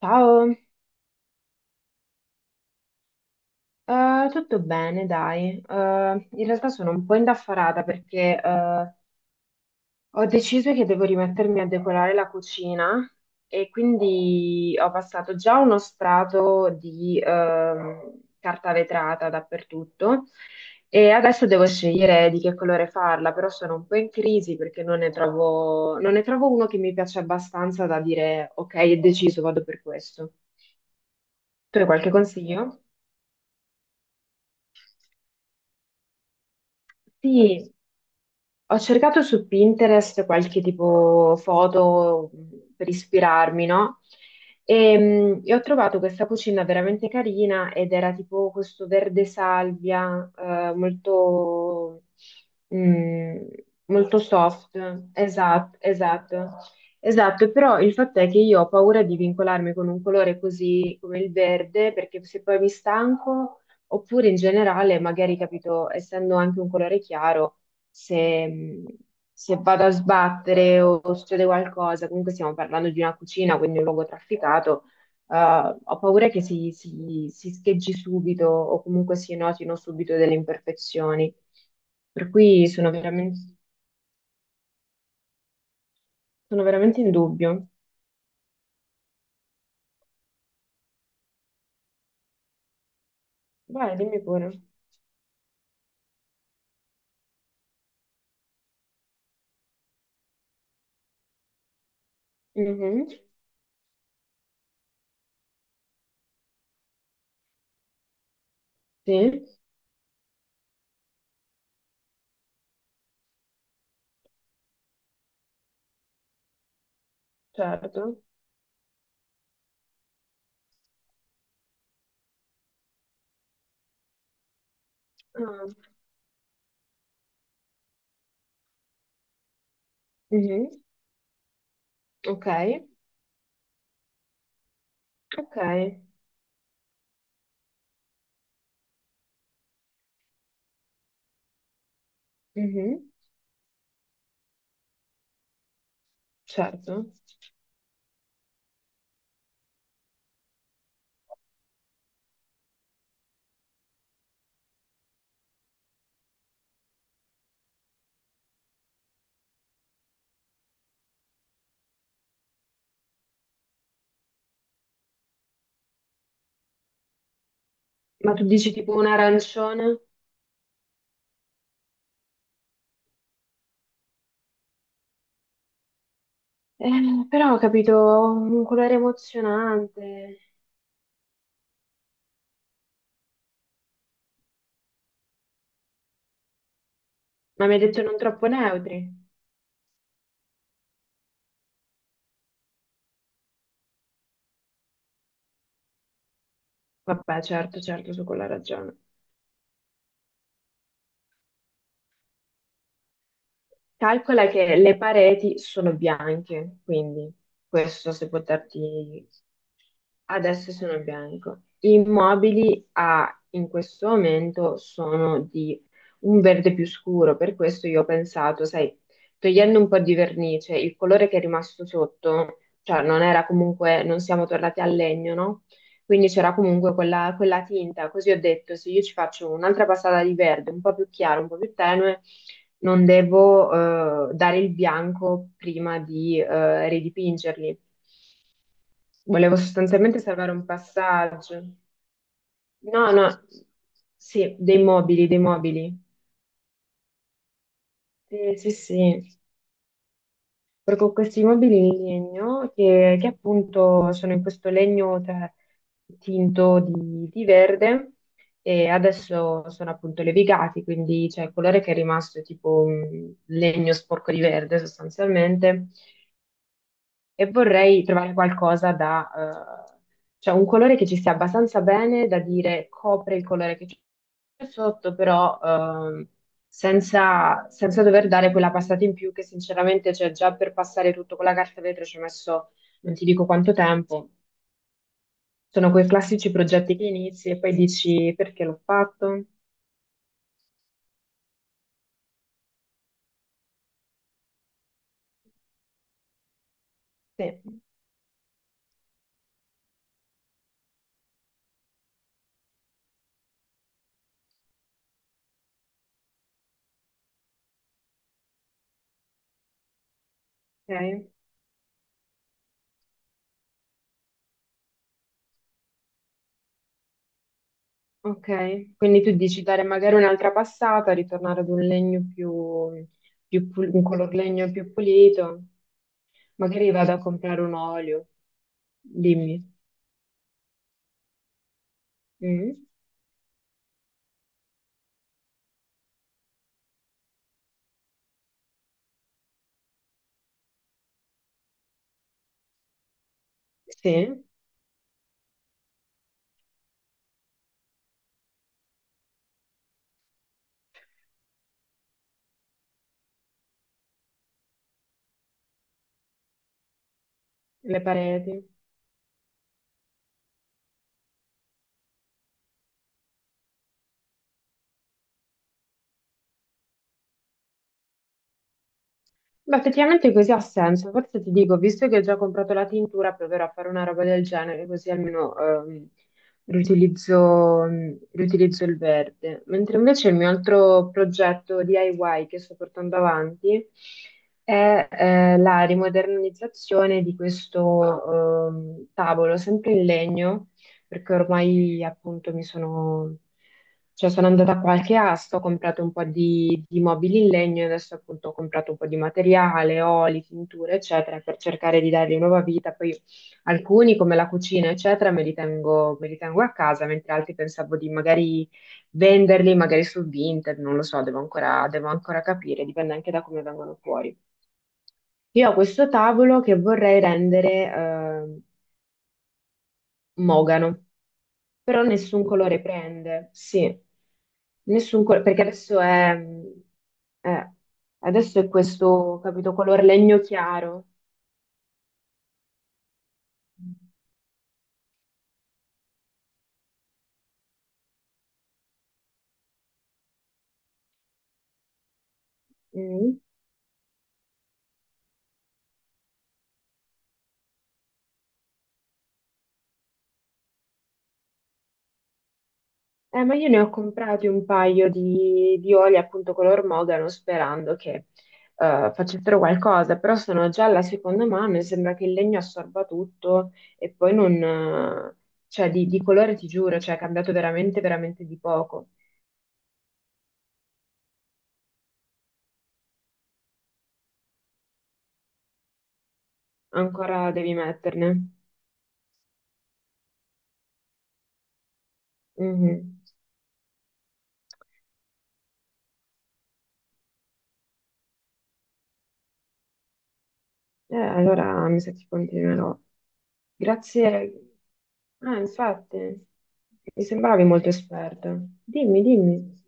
Ciao. Tutto bene, dai. In realtà sono un po' indaffarata perché ho deciso che devo rimettermi a decorare la cucina e quindi ho passato già uno strato di carta vetrata dappertutto e adesso devo scegliere di che colore farla, però sono un po' in crisi perché non ne trovo uno che mi piace abbastanza da dire ok, è deciso, vado per questo. Tu hai qualche consiglio? Sì. Ho cercato su Pinterest qualche tipo foto per ispirarmi, no? E ho trovato questa cucina veramente carina ed era tipo questo verde salvia, molto, mh, molto soft. Esatto, esatto, esatto. Però il fatto è che io ho paura di vincolarmi con un colore così come il verde, perché se poi mi stanco, oppure in generale, magari capito, essendo anche un colore chiaro se, mh, se vado a sbattere o succede qualcosa, comunque stiamo parlando di una cucina, quindi un luogo trafficato, eh, ho paura che si scheggi subito o comunque si notino subito delle imperfezioni. Per cui sono veramente in dubbio. Vai, dimmi pure. Mhm. Sì, certo. Ah. Mhm. Ok, ok. Mhm. Certo. Ma tu dici tipo un arancione? Però ho capito un colore emozionante, ma mi hai detto non troppo neutri. Vabbè, certo, certo, su quella ragione. Calcola che le pareti sono bianche, quindi questo se può darti. Adesso sono in bianco. I mobili a- in questo momento sono di un verde più scuro, per questo io ho pensato, sai, togliendo un po' di vernice, il colore che è rimasto sotto, cioè non era comunque, non siamo tornati al legno, no? Quindi c'era comunque quella tinta, così ho detto, se io ci faccio un'altra passata di verde, un po' più chiaro, un po' più tenue, non devo dare il bianco prima di ridipingerli. Volevo sostanzialmente salvare un passaggio. No, no, sì, dei mobili, dei mobili. Sì, sì, sì. Proprio questi mobili in legno che appunto sono in questo legno tinto di verde e adesso sono appunto levigati, quindi c'è il colore che è rimasto è tipo un legno sporco di verde sostanzialmente. E vorrei trovare qualcosa da, cioè un colore che ci stia abbastanza bene da dire copre il colore che c'è sotto, però senza, senza dover dare quella passata in più che sinceramente c'è già, per passare tutto con la carta vetro ci ho messo non ti dico quanto tempo. Sono quei classici progetti che inizi e poi dici perché l'ho fatto? Sì, ok. Ok, quindi tu dici dare magari un'altra passata, ritornare ad un legno più, un color legno più pulito, magari vado a comprare un olio, dimmi. Mm? Sì, le pareti. Beh, effettivamente così ha senso. Forse ti dico, visto che ho già comprato la tintura, proverò a fare una roba del genere, così almeno riutilizzo, riutilizzo il verde. Mentre invece il mio altro progetto DIY che sto portando avanti è la rimodernizzazione di questo tavolo, sempre in legno, perché ormai appunto mi sono, cioè sono andata a qualche asta, ho comprato un po' di mobili in legno e adesso appunto ho comprato un po' di materiale, oli, tinture, eccetera, per cercare di dargli nuova vita. Poi alcuni, come la cucina, eccetera, me li tengo a casa, mentre altri pensavo di magari venderli, magari su Vinted, non lo so, devo ancora capire, dipende anche da come vengono fuori. Io ho questo tavolo che vorrei rendere mogano. Però nessun colore prende, sì, nessun colore, perché eh, adesso è questo, capito, color legno chiaro. Mm. Ma io ne ho comprati un paio di oli appunto color mogano sperando che facessero qualcosa, però sono già alla seconda mano e sembra che il legno assorba tutto e poi non... cioè di colore ti giuro, cioè è cambiato veramente, veramente di poco. Ancora devi metterne. Mhm. Allora mi sa che continuerò. Grazie. Ah, infatti, mi sembravi molto esperta. Dimmi, dimmi.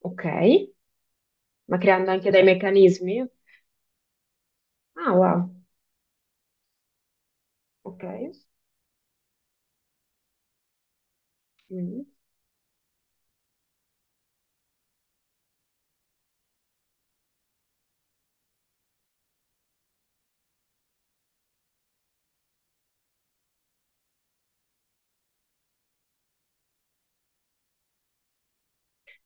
Ok, ma creando anche dei meccanismi? Ah, wow, ok. Mm.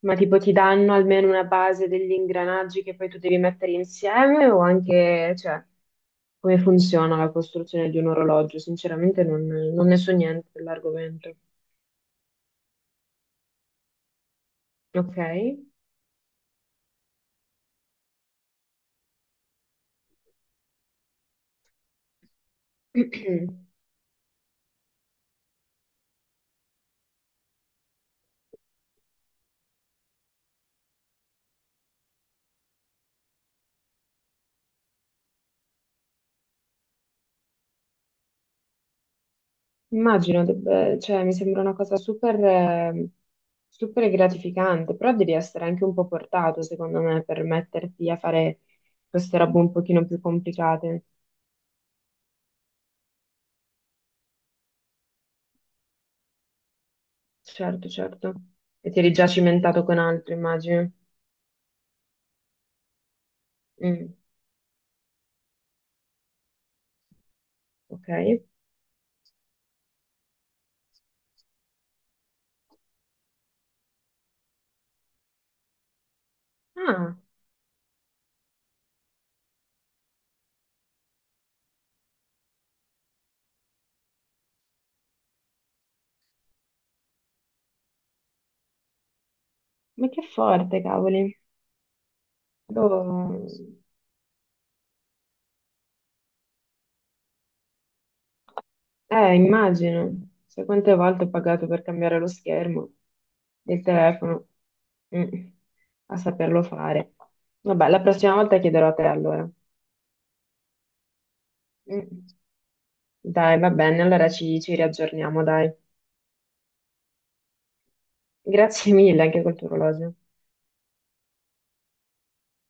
Ma tipo ti danno almeno una base degli ingranaggi che poi tu devi mettere insieme o anche, cioè, come funziona la costruzione di un orologio? Sinceramente non ne so niente dell'argomento. Ok? Immagino, debba- cioè, mi sembra una cosa super, super gratificante, però devi essere anche un po' portato, secondo me, per metterti a fare queste robe un pochino più complicate. Certo, certo. E ti eri già cimentato con altro, immagino. Mm, ok. Ah, ma che forte, cavoli. Boh. Immagino. Sai quante volte ho pagato per cambiare lo schermo del telefono? Mm, a saperlo fare. Vabbè, la prossima volta chiederò a te allora. Mm. Dai, va bene, allora ci riaggiorniamo, dai. Grazie mille anche col tuo orologio.